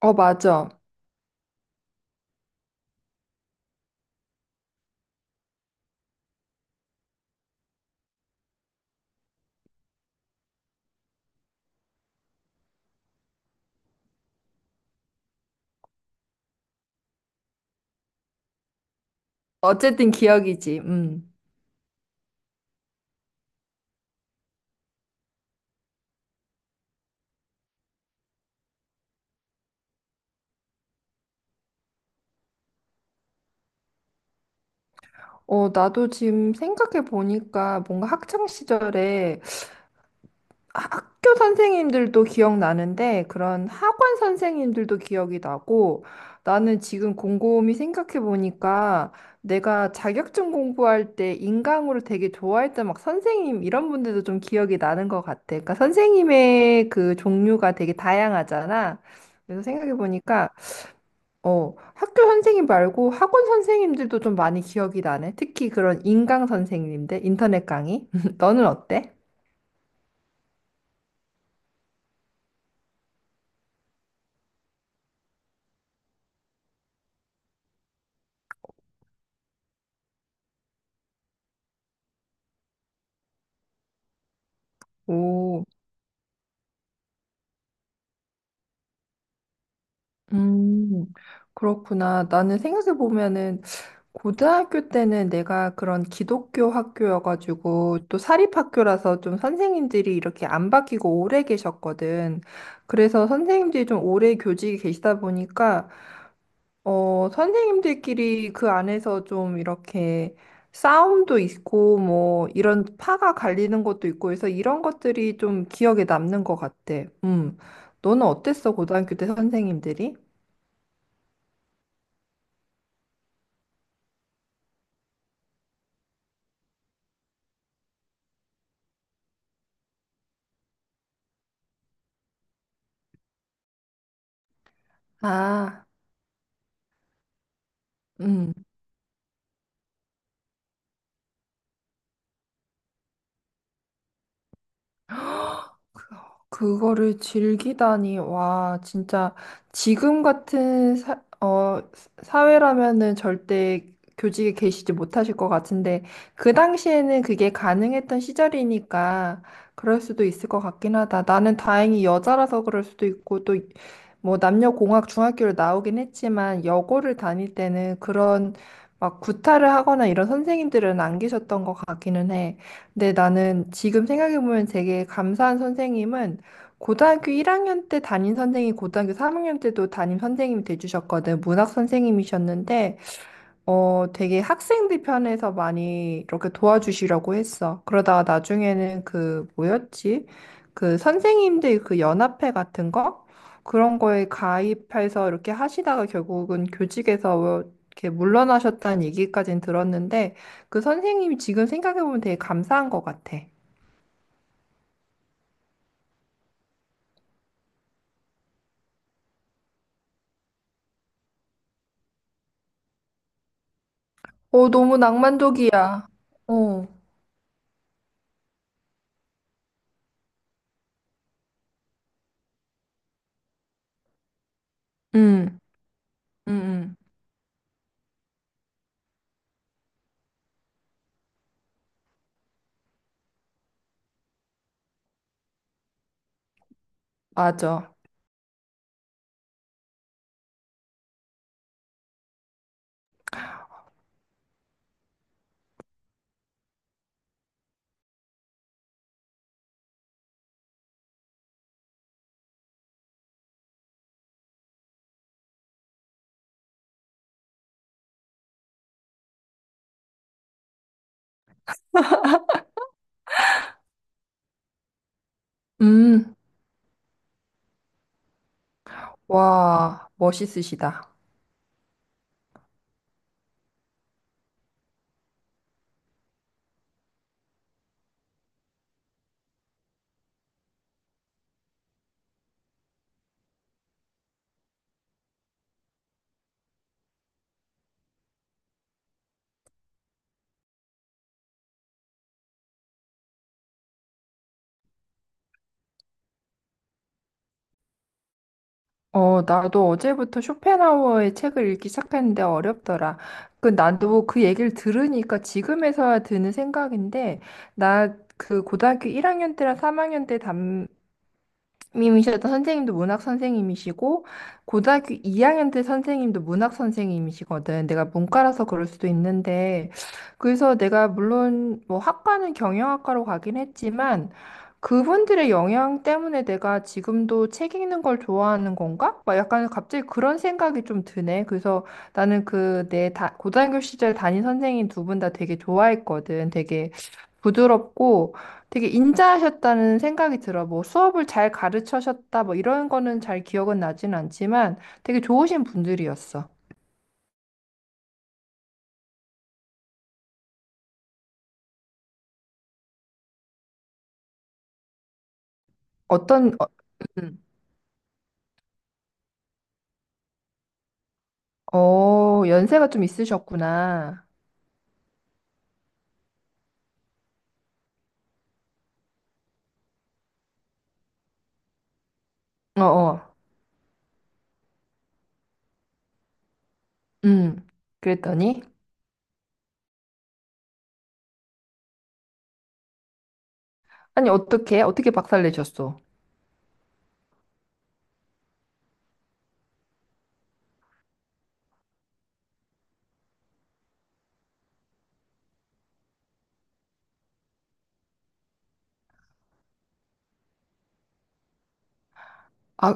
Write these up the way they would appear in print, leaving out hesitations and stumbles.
어, 맞아. 어쨌든 기억이지. 음. 나도 지금 생각해 보니까 뭔가 학창 시절에 학교 선생님들도 기억나는데 그런 학원 선생님들도 기억이 나고 나는 지금 곰곰이 생각해 보니까 내가 자격증 공부할 때 인강으로 되게 좋아했던 막 선생님 이런 분들도 좀 기억이 나는 것 같아. 그러니까 선생님의 그 종류가 되게 다양하잖아. 그래서 생각해 보니까 학교 선생님 말고 학원 선생님들도 좀 많이 기억이 나네. 특히 그런 인강 선생님들, 인터넷 강의. 너는 어때? 오, 음, 그렇구나. 나는 생각해보면은, 고등학교 때는 내가 그런 기독교 학교여가지고, 또 사립학교라서 좀 선생님들이 이렇게 안 바뀌고 오래 계셨거든. 그래서 선생님들이 좀 오래 교직에 계시다 보니까, 선생님들끼리 그 안에서 좀 이렇게 싸움도 있고, 뭐, 이런 파가 갈리는 것도 있고 해서 이런 것들이 좀 기억에 남는 것 같아. 음. 너는 어땠어, 고등학교 때 선생님들이? 아, 음. 그거를 즐기다니, 와, 진짜 지금 같은 사회라면은 절대 교직에 계시지 못하실 것 같은데, 그 당시에는 그게 가능했던 시절이니까 그럴 수도 있을 것 같긴 하다. 나는 다행히 여자라서 그럴 수도 있고, 또 뭐 남녀공학 중학교를 나오긴 했지만, 여고를 다닐 때는 그런 막 구타를 하거나 이런 선생님들은 안 계셨던 것 같기는 해. 근데 나는 지금 생각해보면 되게 감사한 선생님은 고등학교 1학년 때 담임 선생님이 고등학교 3학년 때도 담임 선생님이 돼주셨거든. 문학 선생님이셨는데 되게 학생들 편에서 많이 이렇게 도와주시려고 했어. 그러다가 나중에는 그, 뭐였지? 그 선생님들 그 연합회 같은 거? 그런 거에 가입해서 이렇게 하시다가 결국은 교직에서 이렇게 물러나셨다는 얘기까지는 들었는데, 그 선생님이 지금 생각해보면 되게 감사한 것 같아. 어, 너무 낭만적이야. 어, 응 응. 맞아. 음, 와, 멋있으시다. 어, 나도 어제부터 쇼펜하우어의 책을 읽기 시작했는데 어렵더라. 그, 나도 그 얘기를 들으니까 지금에서야 드는 생각인데, 나 그 고등학교 1학년 때랑 3학년 때 님이셨던 선생님도 문학 선생님이시고 고등학교 2학년 때 선생님도 문학 선생님이시거든. 내가 문과라서 그럴 수도 있는데 그래서 내가 물론 뭐 학과는 경영학과로 가긴 했지만 그분들의 영향 때문에 내가 지금도 책 읽는 걸 좋아하는 건가? 막 약간 갑자기 그런 생각이 좀 드네. 그래서 나는 그 내 고등학교 시절 담임 선생님 두 분 다 되게 좋아했거든. 되게 부드럽고 되게 인자하셨다는 생각이 들어. 뭐 수업을 잘 가르쳐셨다, 뭐 이런 거는 잘 기억은 나진 않지만 되게 좋으신 분들이었어. 어떤, 어, 음. 어, 연세가 좀 있으셨구나. 어, 어, 음. 그랬더니, 아니, 어떻게, 어떻게 박살 내셨어? 아,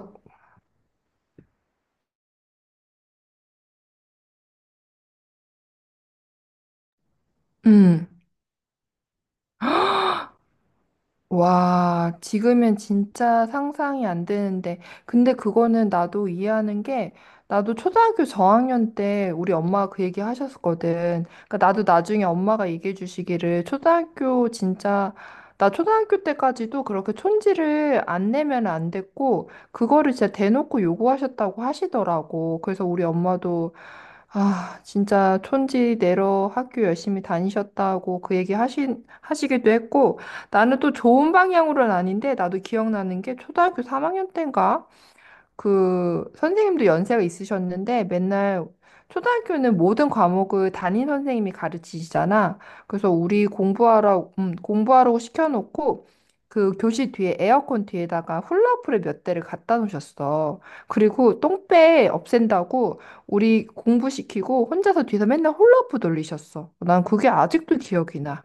음. 와, 지금은 진짜 상상이 안 되는데. 근데 그거는 나도 이해하는 게, 나도 초등학교 저학년 때 우리 엄마가 그 얘기 하셨었거든. 그러니까 나도 나중에 엄마가 얘기해 주시기를, 초등학교 진짜, 나 초등학교 때까지도 그렇게 촌지를 안 내면 안 됐고, 그거를 진짜 대놓고 요구하셨다고 하시더라고. 그래서 우리 엄마도, 아, 진짜 촌지 내러 학교 열심히 다니셨다고 그 얘기 하시기도 했고, 나는 또 좋은 방향으로는 아닌데, 나도 기억나는 게 초등학교 3학년 때인가? 그 선생님도 연세가 있으셨는데, 맨날 초등학교는 모든 과목을 담임 선생님이 가르치시잖아. 그래서 우리 공부하라고 시켜놓고, 그 교실 뒤에 에어컨 뒤에다가 훌라후프를 몇 대를 갖다 놓으셨어. 그리고 똥배 없앤다고 우리 공부시키고 혼자서 뒤에서 맨날 훌라후프 돌리셨어. 난 그게 아직도 기억이 나.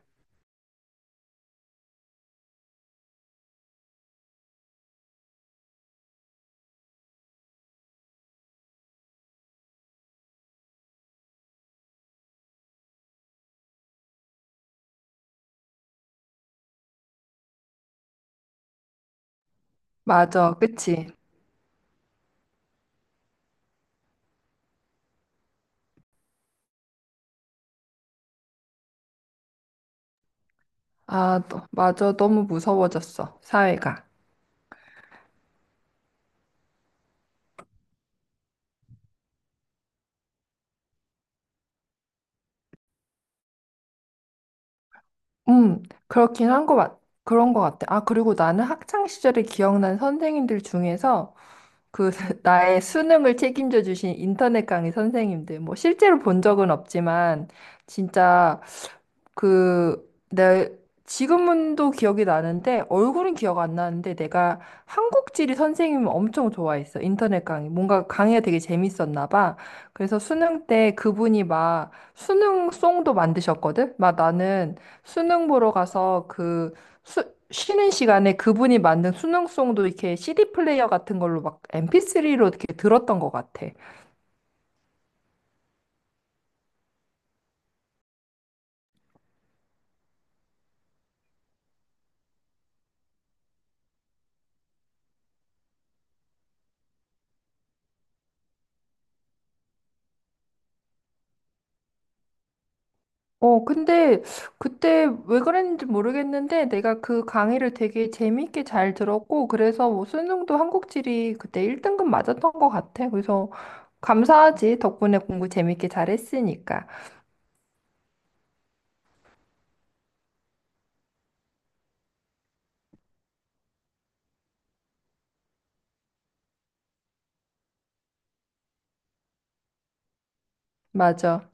맞아, 그치? 아, 맞아. 너무 무서워졌어. 사회가. 음, 그렇긴 한 거 같, 그런 거 같아. 아, 그리고 나는 학창 시절에 기억난 선생님들 중에서 그 나의 수능을 책임져 주신 인터넷 강의 선생님들. 뭐 실제로 본 적은 없지만 진짜 그, 내, 지금도 기억이 나는데, 얼굴은 기억 안 나는데, 내가 한국지리 선생님을 엄청 좋아했어. 인터넷 강의. 뭔가 강의가 되게 재밌었나 봐. 그래서 수능 때 그분이 막 수능송도 만드셨거든? 막 나는 수능 보러 가서 수, 쉬는 시간에 그분이 만든 수능송도 이렇게 CD 플레이어 같은 걸로 막 MP3로 이렇게 들었던 것 같아. 근데 그때 왜 그랬는지 모르겠는데 내가 그 강의를 되게 재미있게 잘 들었고 그래서 뭐 수능도 한국지리 그때 1등급 맞았던 것 같아. 그래서 감사하지. 덕분에 공부 재밌게 잘했으니까. 맞아.